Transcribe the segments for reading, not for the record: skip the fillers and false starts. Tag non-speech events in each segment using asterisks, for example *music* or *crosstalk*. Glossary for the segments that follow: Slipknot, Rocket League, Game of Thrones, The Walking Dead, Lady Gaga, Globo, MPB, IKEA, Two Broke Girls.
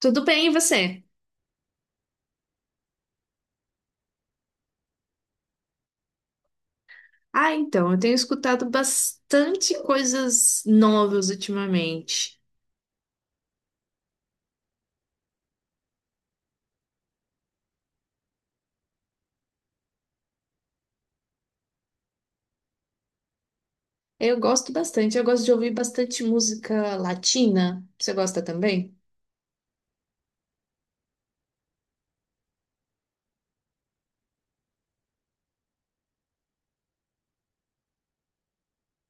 Tudo bem, e você? Ah, então, eu tenho escutado bastante coisas novas ultimamente. Eu gosto bastante, eu gosto de ouvir bastante música latina. Você gosta também?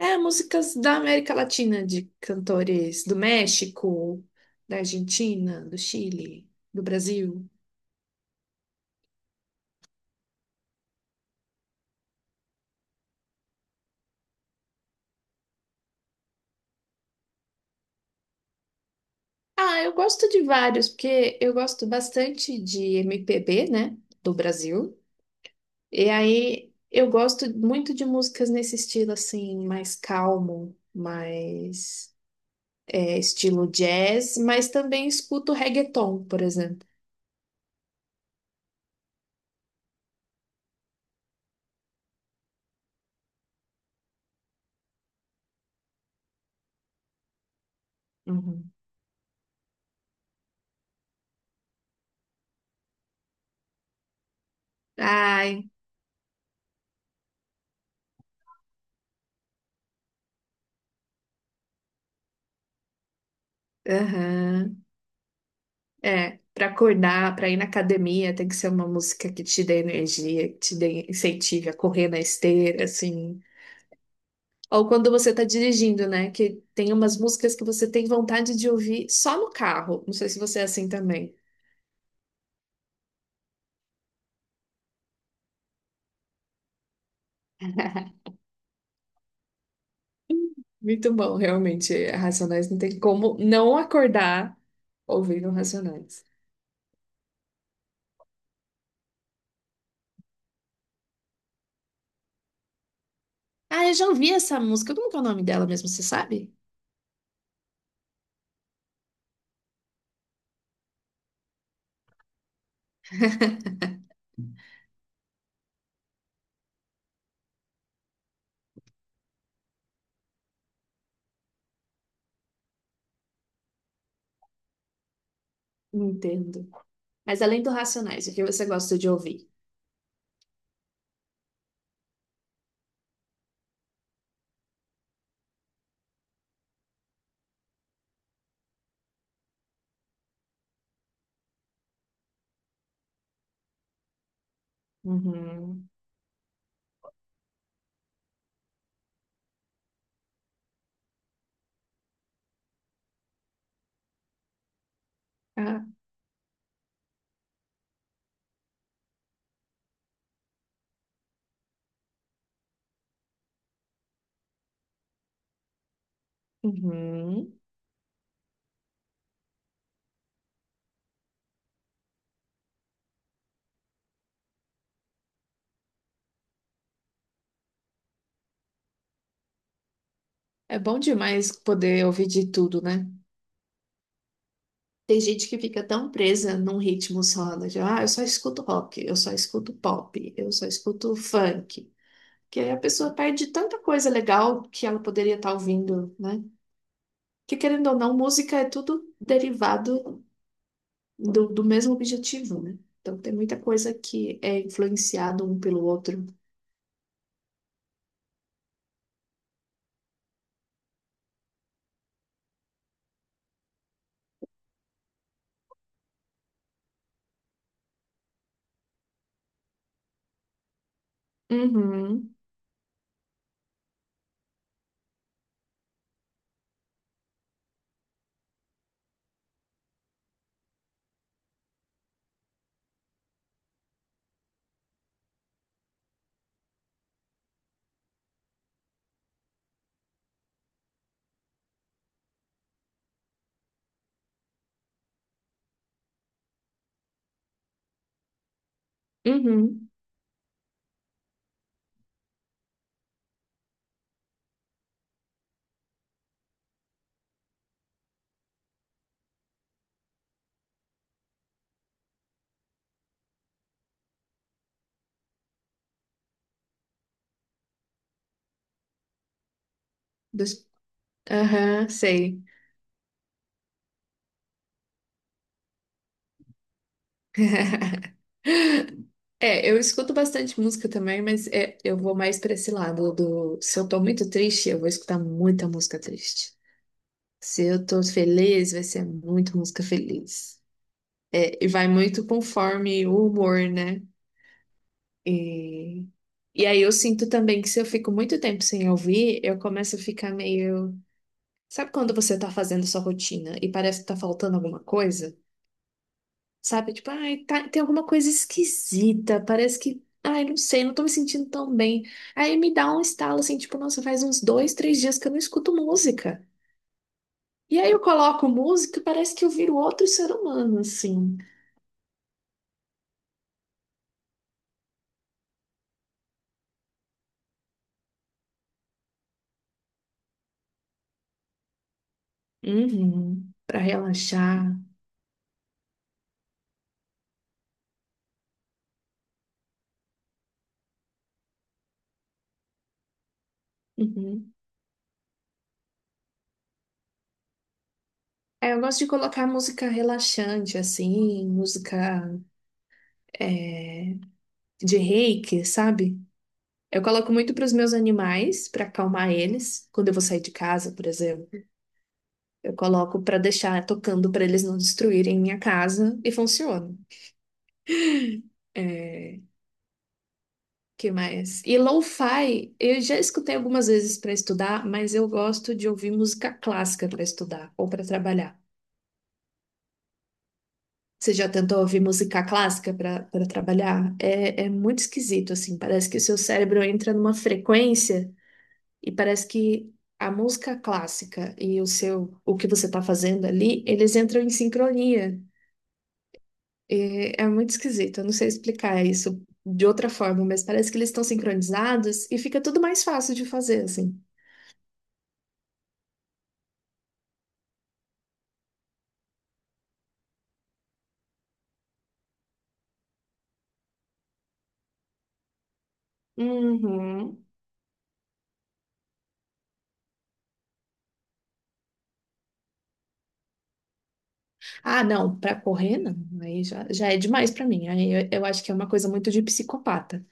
É, músicas da América Latina, de cantores do México, da Argentina, do Chile, do Brasil. Ah, eu gosto de vários, porque eu gosto bastante de MPB, né, do Brasil. E aí eu gosto muito de músicas nesse estilo assim, mais calmo, mais estilo jazz, mas também escuto reggaeton, por exemplo. Uhum. Ai, aham. É, para acordar, para ir na academia, tem que ser uma música que te dê energia, que te dê incentive a correr na esteira, assim. Ou quando você tá dirigindo, né? Que tem umas músicas que você tem vontade de ouvir só no carro. Não sei se você é assim também. *laughs* Muito bom, realmente. Racionais não tem como não acordar ouvindo Racionais. Ah, eu já ouvi essa música. Como que é o nome dela mesmo, você sabe? Entendo. Mas além do Racionais, o que você gosta de ouvir? Uhum. Ah, uhum. É bom demais poder ouvir de tudo, né? Tem gente que fica tão presa num ritmo só, né? de, Ah, eu só escuto rock, eu só escuto pop, eu só escuto funk. Que aí a pessoa perde tanta coisa legal que ela poderia estar ouvindo, né? Que querendo ou não, música é tudo derivado do mesmo objetivo, né? Então tem muita coisa que é influenciado um pelo outro. Uhum, uhum. Dos- Aham, sei. *laughs* É, eu escuto bastante música também, mas eu vou mais pra esse lado do. Se eu tô muito triste, eu vou escutar muita música triste. Se eu tô feliz, vai ser muita música feliz. É, e vai muito conforme o humor, né? E aí eu sinto também que se eu fico muito tempo sem ouvir, eu começo a ficar meio. Sabe quando você tá fazendo sua rotina e parece que tá faltando alguma coisa? Sabe? Tipo, ai, tá- tem alguma coisa esquisita, parece que. Ai, não sei, não tô me sentindo tão bem. Aí me dá um estalo assim, tipo, nossa, faz uns dois, três dias que eu não escuto música. E aí eu coloco música e parece que eu viro outro ser humano, assim. Uhum. Pra relaxar. Uhum. É, eu gosto de colocar música relaxante, assim, música. é, de reiki, sabe? Eu coloco muito para os meus animais, para acalmar eles, quando eu vou sair de casa, por exemplo. Eu coloco para deixar tocando para eles não destruírem minha casa e funciona. É, que mais? E lo-fi, eu já escutei algumas vezes para estudar, mas eu gosto de ouvir música clássica para estudar ou para trabalhar. Você já tentou ouvir música clássica para trabalhar? É, é muito esquisito, assim. Parece que o seu cérebro entra numa frequência. E parece que a música clássica e o seu, o que você está fazendo ali, eles entram em sincronia. E é muito esquisito, eu não sei explicar isso de outra forma, mas parece que eles estão sincronizados e fica tudo mais fácil de fazer, assim. Uhum. Ah, não, para correr não, aí já é demais para mim. Aí eu acho que é uma coisa muito de psicopata.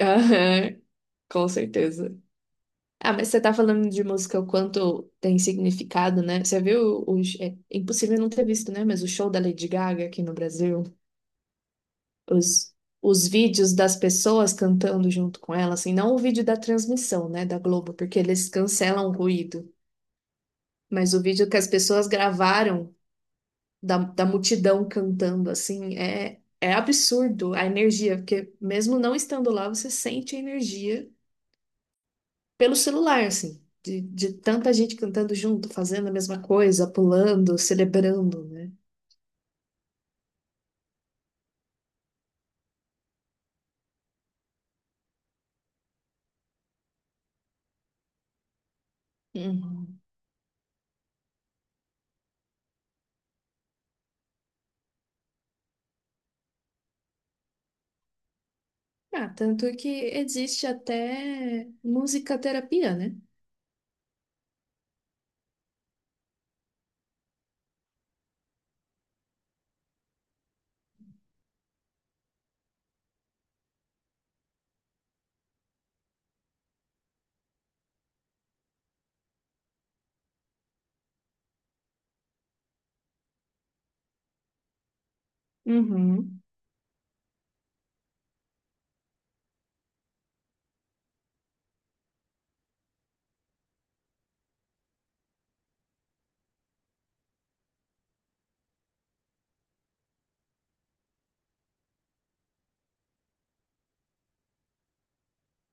Aham, com certeza. Ah, mas você tá falando de música o quanto tem significado, né? Você viu os... É é impossível não ter visto, né? Mas o show da Lady Gaga aqui no Brasil, os, os vídeos das pessoas cantando junto com ela, assim, não o vídeo da transmissão, né, da Globo, porque eles cancelam o ruído, mas o vídeo que as pessoas gravaram da multidão cantando, assim, é, é absurdo a energia, porque mesmo não estando lá, você sente a energia pelo celular, assim, de tanta gente cantando junto, fazendo a mesma coisa, pulando, celebrando, né? Uhum. Ah, tanto que existe até musicaterapia, né? Uhum.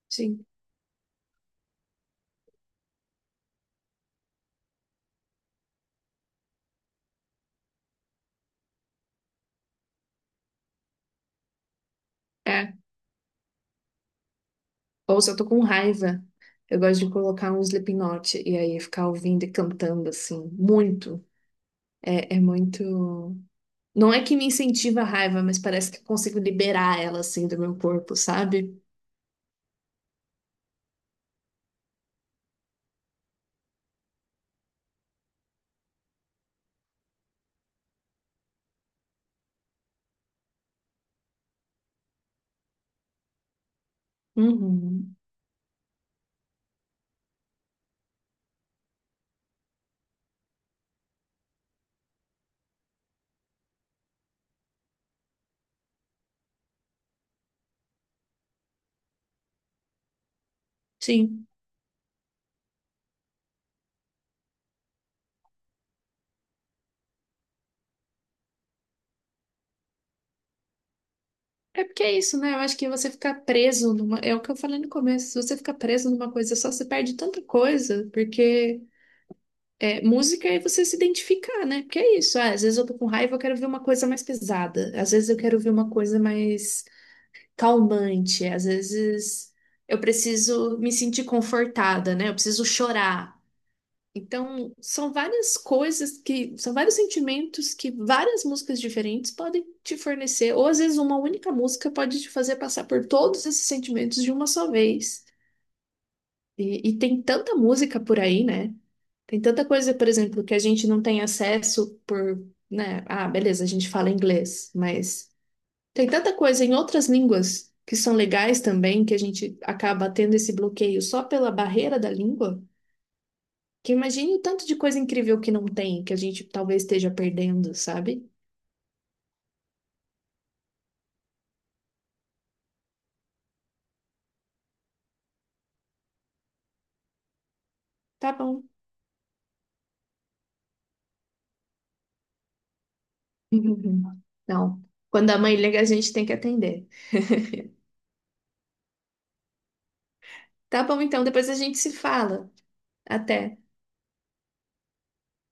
Sim. É. Ou se eu tô com raiva, eu gosto de colocar um Slipknot e aí ficar ouvindo e cantando, assim, muito. É, é muito. Não é que me incentiva a raiva, mas parece que eu consigo liberar ela, assim, do meu corpo, sabe? Uhum. Sim. É porque é isso, né? Eu acho que você ficar preso numa. É o que eu falei no começo. Se você ficar preso numa coisa só, você perde tanta coisa. Porque é, música é você se identificar, né? Porque é isso. Ah, às vezes eu tô com raiva, eu quero ver uma coisa mais pesada. Às vezes eu quero ver uma coisa mais calmante. Às vezes eu preciso me sentir confortada, né? Eu preciso chorar. Então, são várias coisas que, são vários sentimentos que várias músicas diferentes podem te fornecer, ou às vezes uma única música pode te fazer passar por todos esses sentimentos de uma só vez. E tem tanta música por aí, né? Tem tanta coisa, por exemplo, que a gente não tem acesso por, né? Ah, beleza, a gente fala inglês, mas tem tanta coisa em outras línguas que são legais também, que a gente acaba tendo esse bloqueio só pela barreira da língua. Que imagine o tanto de coisa incrível que não tem, que a gente talvez esteja perdendo, sabe? Tá bom. *laughs* Não. Quando a mãe liga, a gente tem que atender. Tá bom, então, depois a gente se fala. Até.